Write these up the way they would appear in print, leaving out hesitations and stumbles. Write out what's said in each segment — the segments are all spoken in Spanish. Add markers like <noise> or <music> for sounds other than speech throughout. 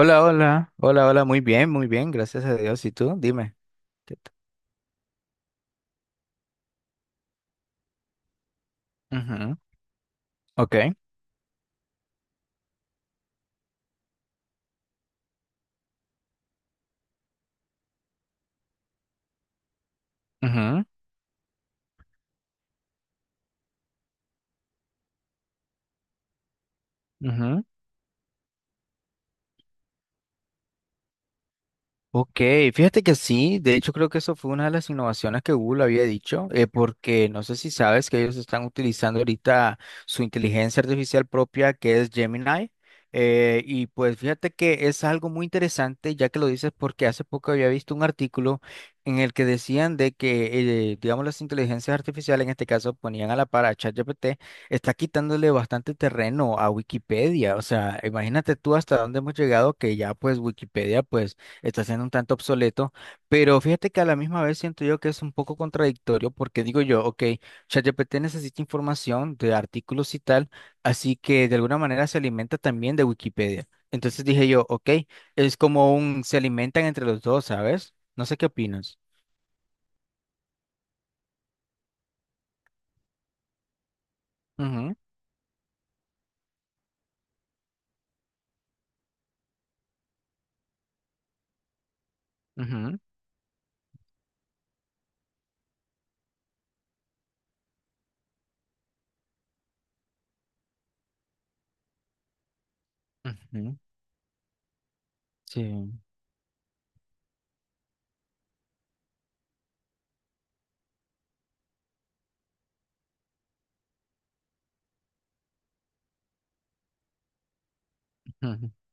Hola, hola, hola, hola, muy bien, gracias a Dios. ¿Y tú? Dime. ¿Qué t- Ujú. Ok. Ujú, ujú. Ok, fíjate que sí, de hecho creo que eso fue una de las innovaciones que Google había dicho, porque no sé si sabes que ellos están utilizando ahorita su inteligencia artificial propia que es Gemini. Y pues fíjate que es algo muy interesante ya que lo dices porque hace poco había visto un artículo en el que decían de que, digamos, las inteligencias artificiales, en este caso ponían a la par a ChatGPT, está quitándole bastante terreno a Wikipedia, o sea, imagínate tú hasta dónde hemos llegado que ya pues Wikipedia pues está siendo un tanto obsoleto, pero fíjate que a la misma vez siento yo que es un poco contradictorio porque digo yo, ok, ChatGPT necesita información de artículos y tal, así que de alguna manera se alimenta también de Wikipedia. Entonces dije yo, ok, es como un, se alimentan entre los dos, ¿sabes? No sé qué opinas. Ujú, ujú, ujú, sí. <laughs>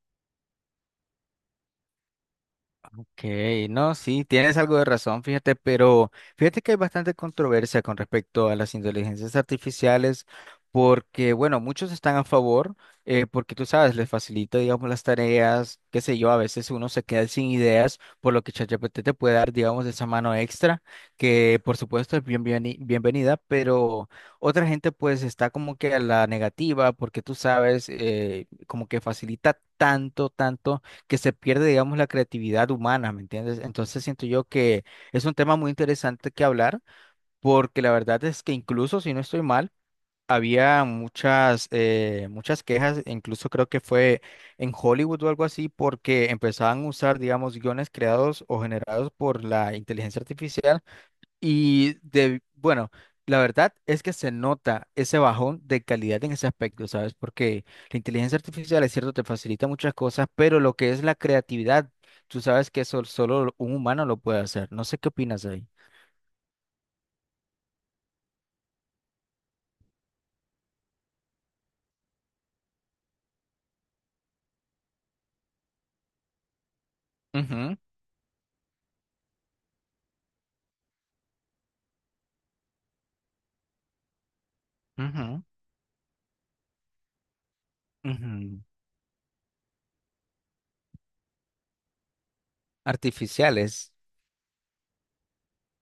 Ok, no, sí, tienes algo de razón, fíjate, pero fíjate que hay bastante controversia con respecto a las inteligencias artificiales, porque, bueno, muchos están a favor, porque tú sabes, les facilita, digamos, las tareas, qué sé yo, a veces uno se queda sin ideas, por lo que ChatGPT te puede dar, digamos, esa mano extra, que por supuesto es bienvenida, pero otra gente pues está como que a la negativa, porque tú sabes, como que facilita tanto, tanto que se pierde, digamos, la creatividad humana, ¿me entiendes? Entonces siento yo que es un tema muy interesante que hablar, porque la verdad es que incluso si no estoy mal, había muchas, muchas quejas, incluso creo que fue en Hollywood o algo así, porque empezaban a usar, digamos, guiones creados o generados por la inteligencia artificial y de, bueno, la verdad es que se nota ese bajón de calidad en ese aspecto, ¿sabes? Porque la inteligencia artificial, es cierto, te facilita muchas cosas, pero lo que es la creatividad, tú sabes que eso solo un humano lo puede hacer. No sé qué opinas ahí. Ujú, ujú, ujú. Artificiales.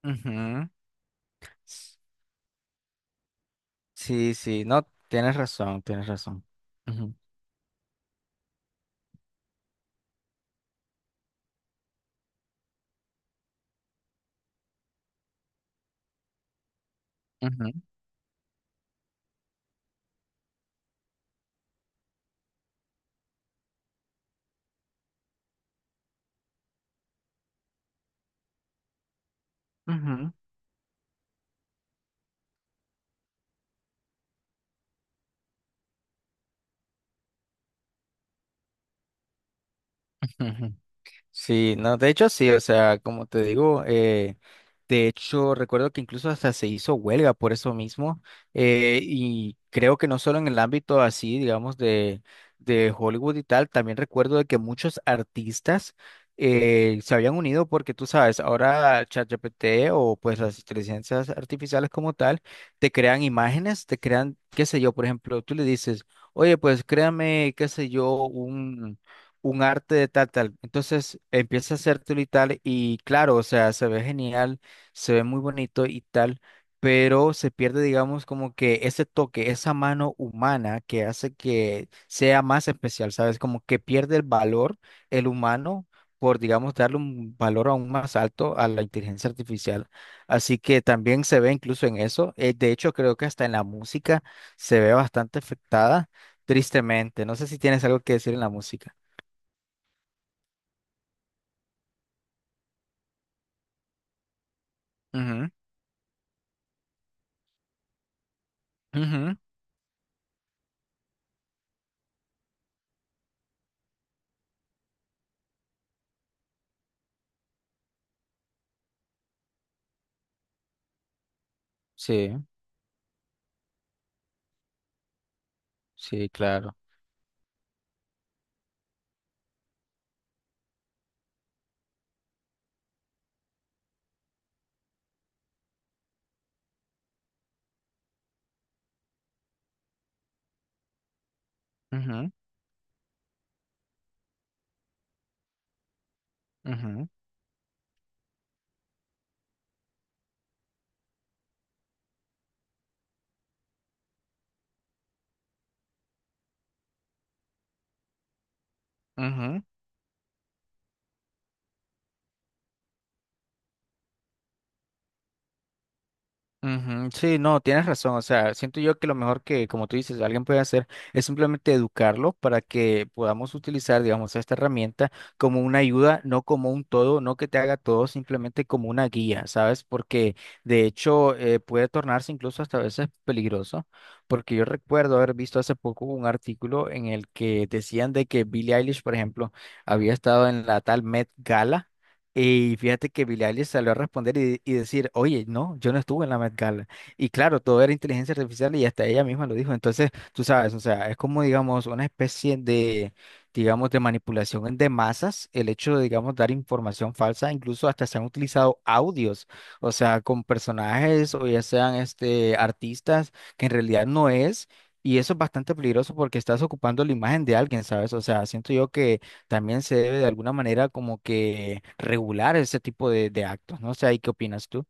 Ujú. S- Sí, sí, no, tienes razón, tienes razón. Ujú, ujú, ujú, ujú. Sí, no, de hecho sí, o sea, como te digo, de hecho recuerdo que incluso hasta se hizo huelga por eso mismo, y creo que no solo en el ámbito así, digamos, de Hollywood y tal, también recuerdo de que muchos artistas se habían unido porque tú sabes, ahora ChatGPT o pues las inteligencias artificiales como tal, te crean imágenes, te crean, qué sé yo, por ejemplo, tú le dices, oye, pues créame, qué sé yo, un arte de tal, tal. Entonces empieza a hacértelo y tal, y claro, o sea, se ve genial, se ve muy bonito y tal, pero se pierde, digamos, como que ese toque, esa mano humana que hace que sea más especial, ¿sabes? Como que pierde el valor el humano por, digamos, darle un valor aún más alto a la inteligencia artificial. Así que también se ve incluso en eso. De hecho, creo que hasta en la música se ve bastante afectada, tristemente. No sé si tienes algo que decir en la música. Ujú, ujú, sí, sí, claro. Ujú, ujú, ujú. Ujú, sí, no, tienes razón. O sea, siento yo que lo mejor que, como tú dices, alguien puede hacer es simplemente educarlo para que podamos utilizar, digamos, esta herramienta como una ayuda, no como un todo, no que te haga todo, simplemente como una guía, ¿sabes? Porque de hecho puede tornarse incluso hasta a veces peligroso, porque yo recuerdo haber visto hace poco un artículo en el que decían de que Billie Eilish, por ejemplo, había estado en la tal Met Gala. Y fíjate que Billie Eilish salió a responder y decir, oye, no, yo no estuve en la Met Gala. Y claro, todo era inteligencia artificial y hasta ella misma lo dijo. Entonces, tú sabes, o sea, es como, digamos, una especie de, digamos, de manipulación de masas, el hecho de, digamos, dar información falsa, incluso hasta se han utilizado audios, o sea, con personajes o ya sean, este, artistas, que en realidad no es. Y eso es bastante peligroso porque estás ocupando la imagen de alguien, ¿sabes? O sea, siento yo que también se debe de alguna manera como que regular ese tipo de actos, ¿no? O sea, ¿y qué opinas tú?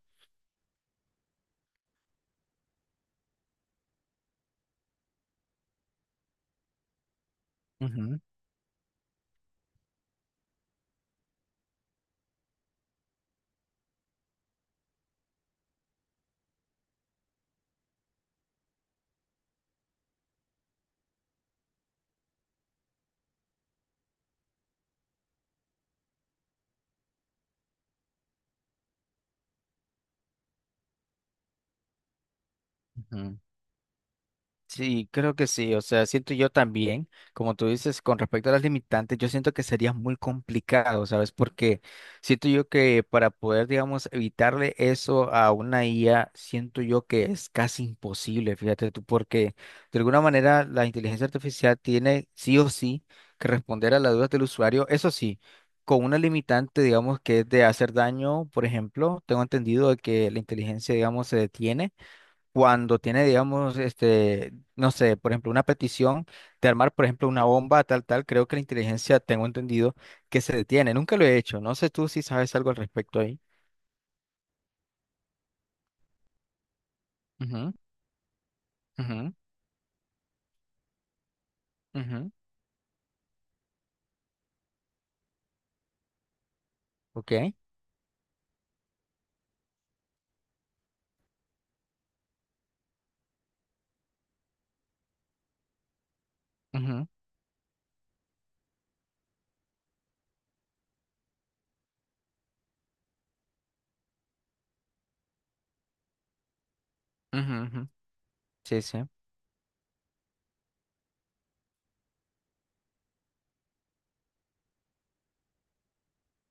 Ujú, ujú. Sí, creo que sí. O sea, siento yo también, como tú dices, con respecto a las limitantes, yo siento que sería muy complicado, ¿sabes? Porque siento yo que para poder, digamos, evitarle eso a una IA, siento yo que es casi imposible, fíjate tú, porque de alguna manera la inteligencia artificial tiene sí o sí que responder a las dudas del usuario, eso sí. Con una limitante, digamos, que es de hacer daño, por ejemplo, tengo entendido de que la inteligencia, digamos, se detiene cuando tiene, digamos, este, no sé, por ejemplo, una petición de armar, por ejemplo, una bomba, tal, tal, creo que la inteligencia, tengo entendido, que se detiene. Nunca lo he hecho. No sé tú si sabes algo al respecto ahí. Ujú, ujú, ujú, ok. Ujú, ujú, ujú, sí, sí.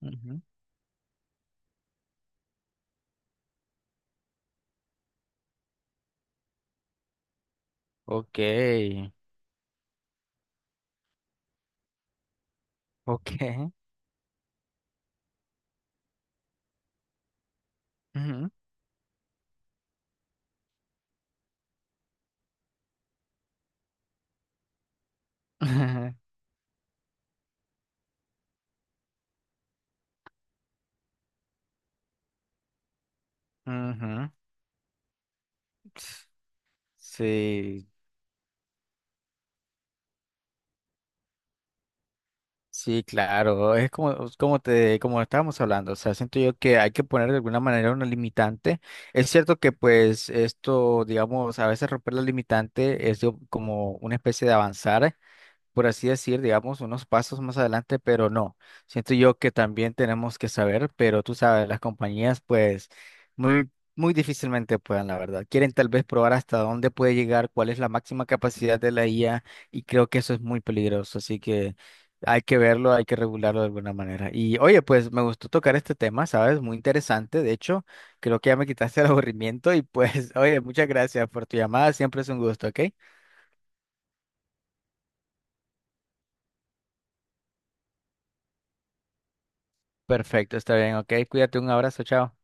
Ujú, ok. Ok. Ujú, <laughs> ujú, sí. Sí, claro, es como, como te, como estábamos hablando, o sea, siento yo que hay que poner de alguna manera una limitante. Es cierto que pues esto, digamos, a veces romper la limitante es como una especie de avanzar, por así decir, digamos, unos pasos más adelante, pero no. Siento yo que también tenemos que saber, pero tú sabes, las compañías pues muy, muy difícilmente puedan, la verdad. Quieren tal vez probar hasta dónde puede llegar, cuál es la máxima capacidad de la IA y creo que eso es muy peligroso, así que hay que verlo, hay que regularlo de alguna manera. Y oye, pues me gustó tocar este tema, ¿sabes? Muy interesante, de hecho, creo que ya me quitaste el <laughs> aburrimiento y pues, <laughs> oye, muchas gracias por tu llamada, siempre es un gusto, ¿ok? Perfecto, está bien, ok. Cuídate, un abrazo, chao.